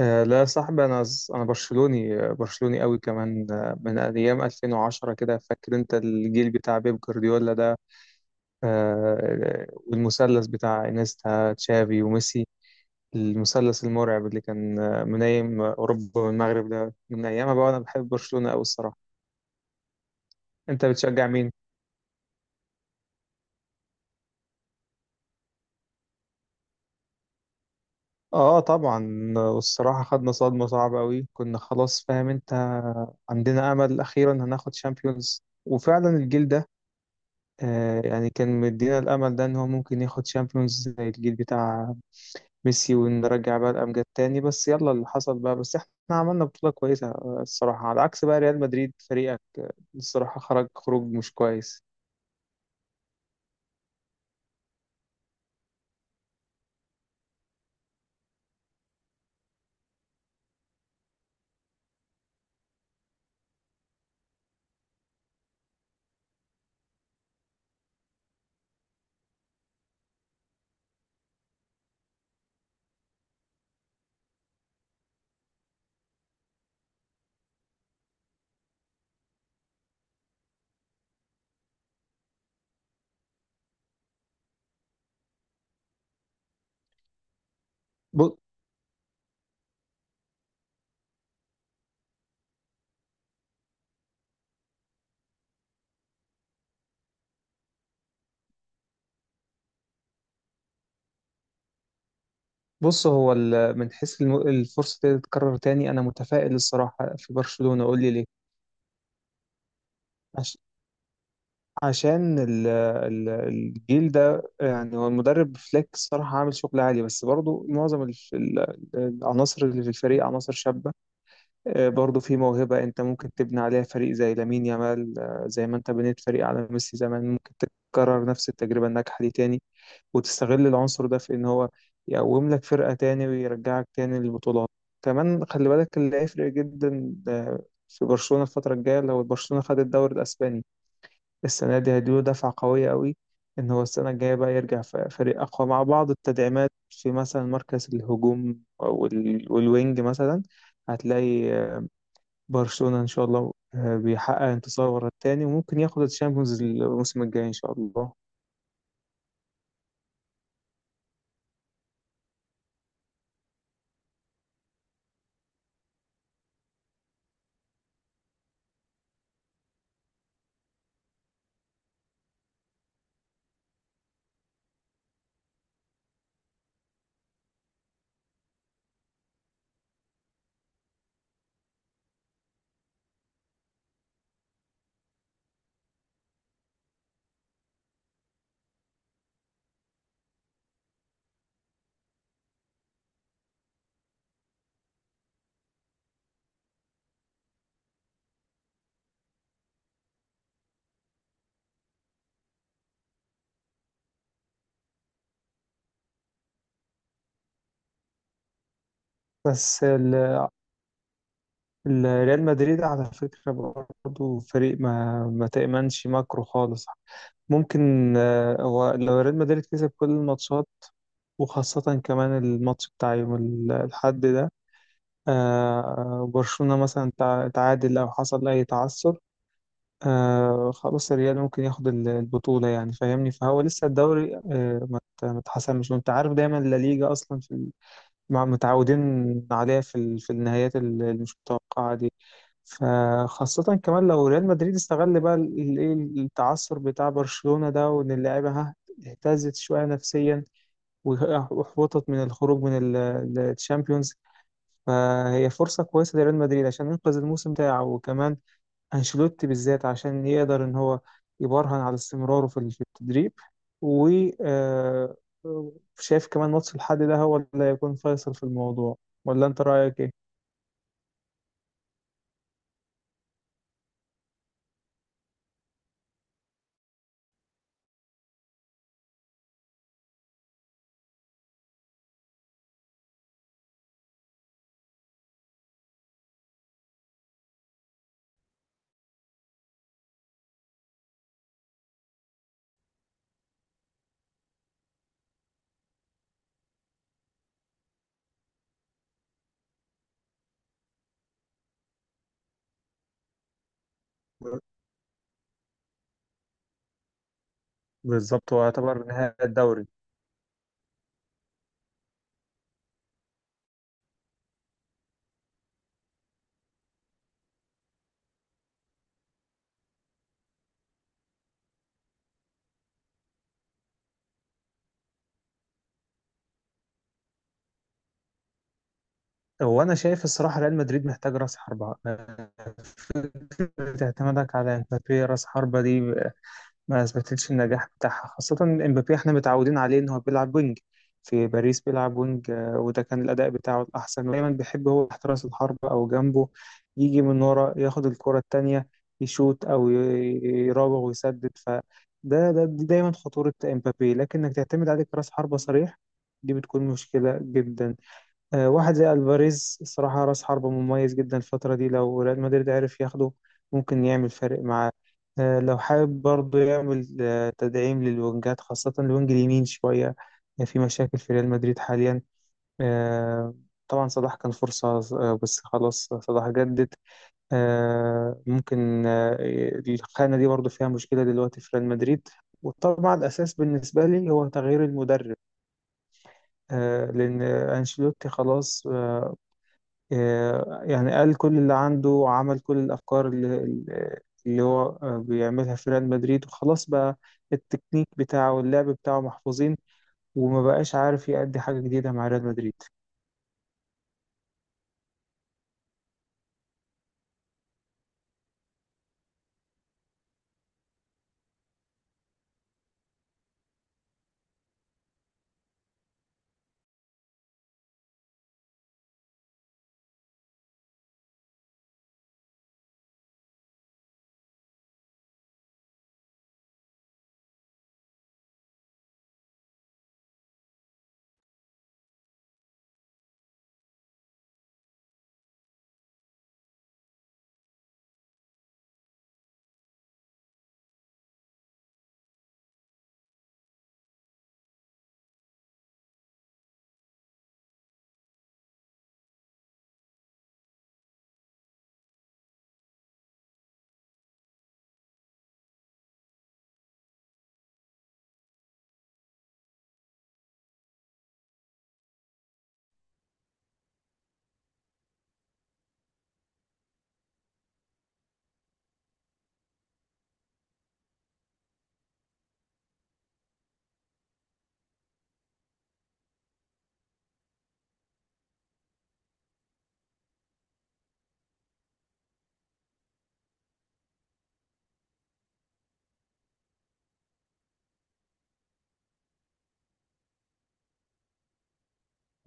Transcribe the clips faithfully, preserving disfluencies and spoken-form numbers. آه، لا يا صاحبي انا انا برشلوني آه، برشلوني قوي كمان، آه، من ايام ألفين وعشرة كده. فاكر انت الجيل بتاع بيب جوارديولا ده، آه، والمثلث بتاع انيستا تشافي وميسي. المثلث المرعب اللي كان آه، منايم اوروبا والمغرب ده، من ايامها بقى انا بحب برشلونة قوي الصراحة. انت بتشجع مين؟ اه طبعا، آه، والصراحة خدنا صدمة صعبة قوي. كنا خلاص فاهم انت، عندنا امل اخيرا هناخد شامبيونز، وفعلا الجيل ده آه، يعني كان مدينا الأمل ده إن هو ممكن ياخد شامبيونز زي الجيل بتاع ميسي، ونرجع بقى الأمجاد تاني. بس يلا اللي حصل بقى، بس إحنا عملنا بطولة كويسة آه، الصراحة، على عكس بقى ريال مدريد فريقك آه، الصراحة خرج خروج مش كويس. ب- بص، هو ال- من حيث الم- الفرصة دي تتكرر تاني أنا متفائل الصراحة في برشلونة. قول لي ليه؟ عش- عشان ال- ال- الجيل ده، يعني هو المدرب فليك الصراحة عامل شغل عالي، بس برضه معظم الف- ال- العناصر اللي في الفريق عناصر شابة. آه، برضه في موهبة أنت ممكن تبني عليها فريق زي لامين يامال، آه، زي ما أنت بنيت فريق على ميسي زمان. ممكن تكرر نفس التجربة الناجحة دي تاني، وتستغل العنصر ده في إن هو يقوم لك فرقة تاني ويرجعك تاني للبطولات. كمان خلي بالك اللي هيفرق جدا آه، في برشلونة الفترة الجاية، لو برشلونة خد الدوري الأسباني السنة دي هيديله دفعة قوية قوي، إن هو السنة الجاية بقى يرجع ف- فريق أقوى مع بعض التدعيمات في مثلا مركز الهجوم أو ال- والوينج مثلا. هتلاقي برشلونة إن شاء الله آه، بيحقق انتصار ورا التاني، وممكن ياخد الشامبيونز الموسم الجاي إن شاء الله. بس ال- ال- ريال مدريد على فكرة برضه فريق ما ما تأمنش ماكرو خالص. ممكن آه، هو لو ريال مدريد كسب كل الماتشات، وخاصة كمان الماتش بتاع يوم ال- الحد ده، آه، برشلونة مثلا تع- تعادل أو حصل أي تعثر، آه خلاص الريال ممكن ياخد ال- البطولة. يعني فاهمني، فهو لسه الدوري آه ما ات- ما اتحسمش، وانت عارف دايما الليجا اصلا في ال- مع- متعودين عليها في ال- في النهايات ال- اللي مش متوقعة دي. فخاصة كمان لو ريال مدريد استغل بقى ال- الايه التعثر بتاع برشلونة ده، وان اللعيبة ها اهتزت شوية نفسيا، وه- واحبطت من الخروج من الشامبيونز، فهي فرصة كويسة لريال مدريد عشان ينقذ الموسم بتاعه، وكمان أنشيلوتي بالذات عشان يقدر إن هو يبرهن على استمراره في ال- في التدريب، و آه، شايف كمان ماتش الحد ده هو اللي هيكون فيصل في الموضوع. ولا أنت رأيك إيه؟ بالظبط، هو يعتبر نهاية الدوري. هو أنا شايف الصراحة ريال مدريد محتاج رأس حربة. آه، فكرة اعتمادك على مبابي رأس حربة دي ما اثبتتش النجاح بتاعها، خاصة امبابي احنا متعودين عليه ان هو بيلعب وينج. في باريس بيلعب وينج، آه، وده كان الاداء بتاعه الاحسن. دايما بيحب هو تحت راس الحربة او جنبه، يجي من ورا ياخد الكرة التانية، يشوت او ي- يراوغ ويسدد. فده ده دي دايما خطورة امبابي، لكن انك تعتمد عليه كراس حربة صريح دي بتكون مشكلة جدا. آه، واحد زي الفاريز الصراحة راس حربة مميز جدا الفترة دي، لو ريال مدريد عرف ياخده ممكن يعمل فارق معاه. آه، لو حابب برضه يعمل آه، تدعيم للوينجات، خاصة الوينج اليمين شوية. آه، في مشاكل في ريال مدريد حاليا، آه، طبعا صلاح كان فرصة، آه، بس خلاص صلاح جدد. آه، ممكن آه، الخانة دي برضه فيها مشكلة دلوقتي في ريال مدريد. وطبعا الأساس بالنسبة لي هو تغيير المدرب، آه، لأن أنشيلوتي خلاص، آه، آه، يعني قال كل اللي عنده، وعمل كل الأفكار اللي, اللي هو آه، بيعملها في ريال مدريد، وخلاص بقى التكنيك بتاعه واللعب بتاعه محفوظين، وما بقاش عارف يأدي حاجة جديدة مع ريال مدريد.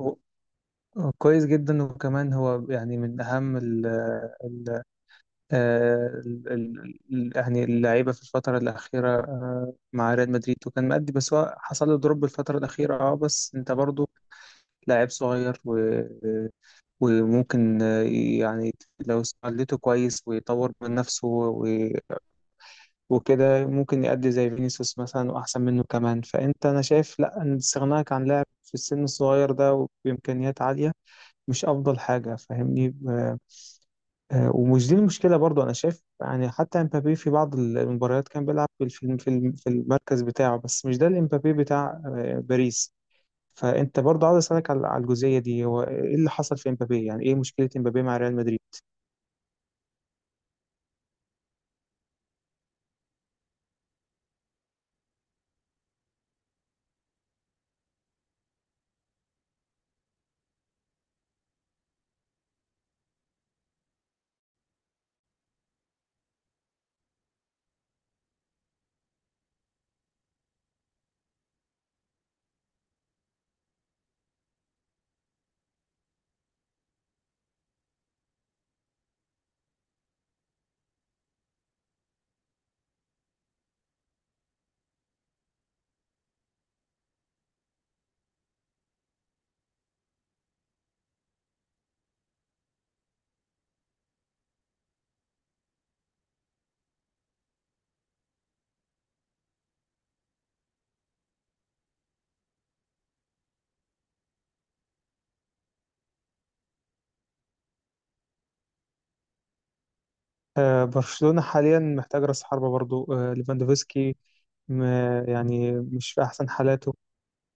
هو- هو كويس جدا، وكمان هو يعني من أهم ال ال آه، ال ال يعني اللعيبة في الفترة الأخيرة آه، مع ريال مدريد، وكان مأدي، بس هو حصل له دروب الفترة الأخيرة. اه بس أنت برضو لاعب صغير، وممكن آه، يعني لو استغلته كويس ويطور من نفسه و- وكده ممكن يأدي زي فينيسيوس مثلا وأحسن منه كمان. فأنت أنا شايف لأ، إن استغناك عن لاعب في السن الصغير ده وبإمكانيات عالية مش أفضل حاجة. فاهمني؟ آه، آه، ومش دي المشكلة برضو. أنا شايف يعني حتى امبابي في بعض المباريات كان بيلعب في الفيلم في الم- في المركز بتاعه، بس مش ده الامبابي بتاع آه، باريس. فأنت برضو عاوز أسألك على على الجزئية دي، هو إيه اللي حصل في امبابي؟ يعني إيه مشكلة امبابي مع ريال مدريد؟ آه، برشلونة حاليا محتاج رأس حربة برضو. آه، ليفاندوفسكي م- يعني مش في أحسن حالاته،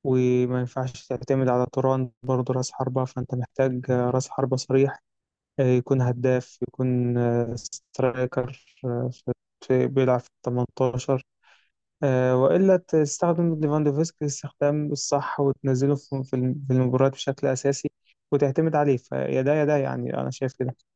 وما ينفعش تعتمد على توران برضو رأس حربة. فأنت محتاج آه، رأس حربة صريح، آه، يكون هداف، يكون آه، سترايكر، آه، في- في- بيلعب في تمنتاشر، آه، وإلا تستخدم ليفاندوفسكي الاستخدام الصح وتنزله في في الم- في المباريات بشكل أساسي، وتعتمد عليه. فيا ده يا ده، يعني أنا شايف كده.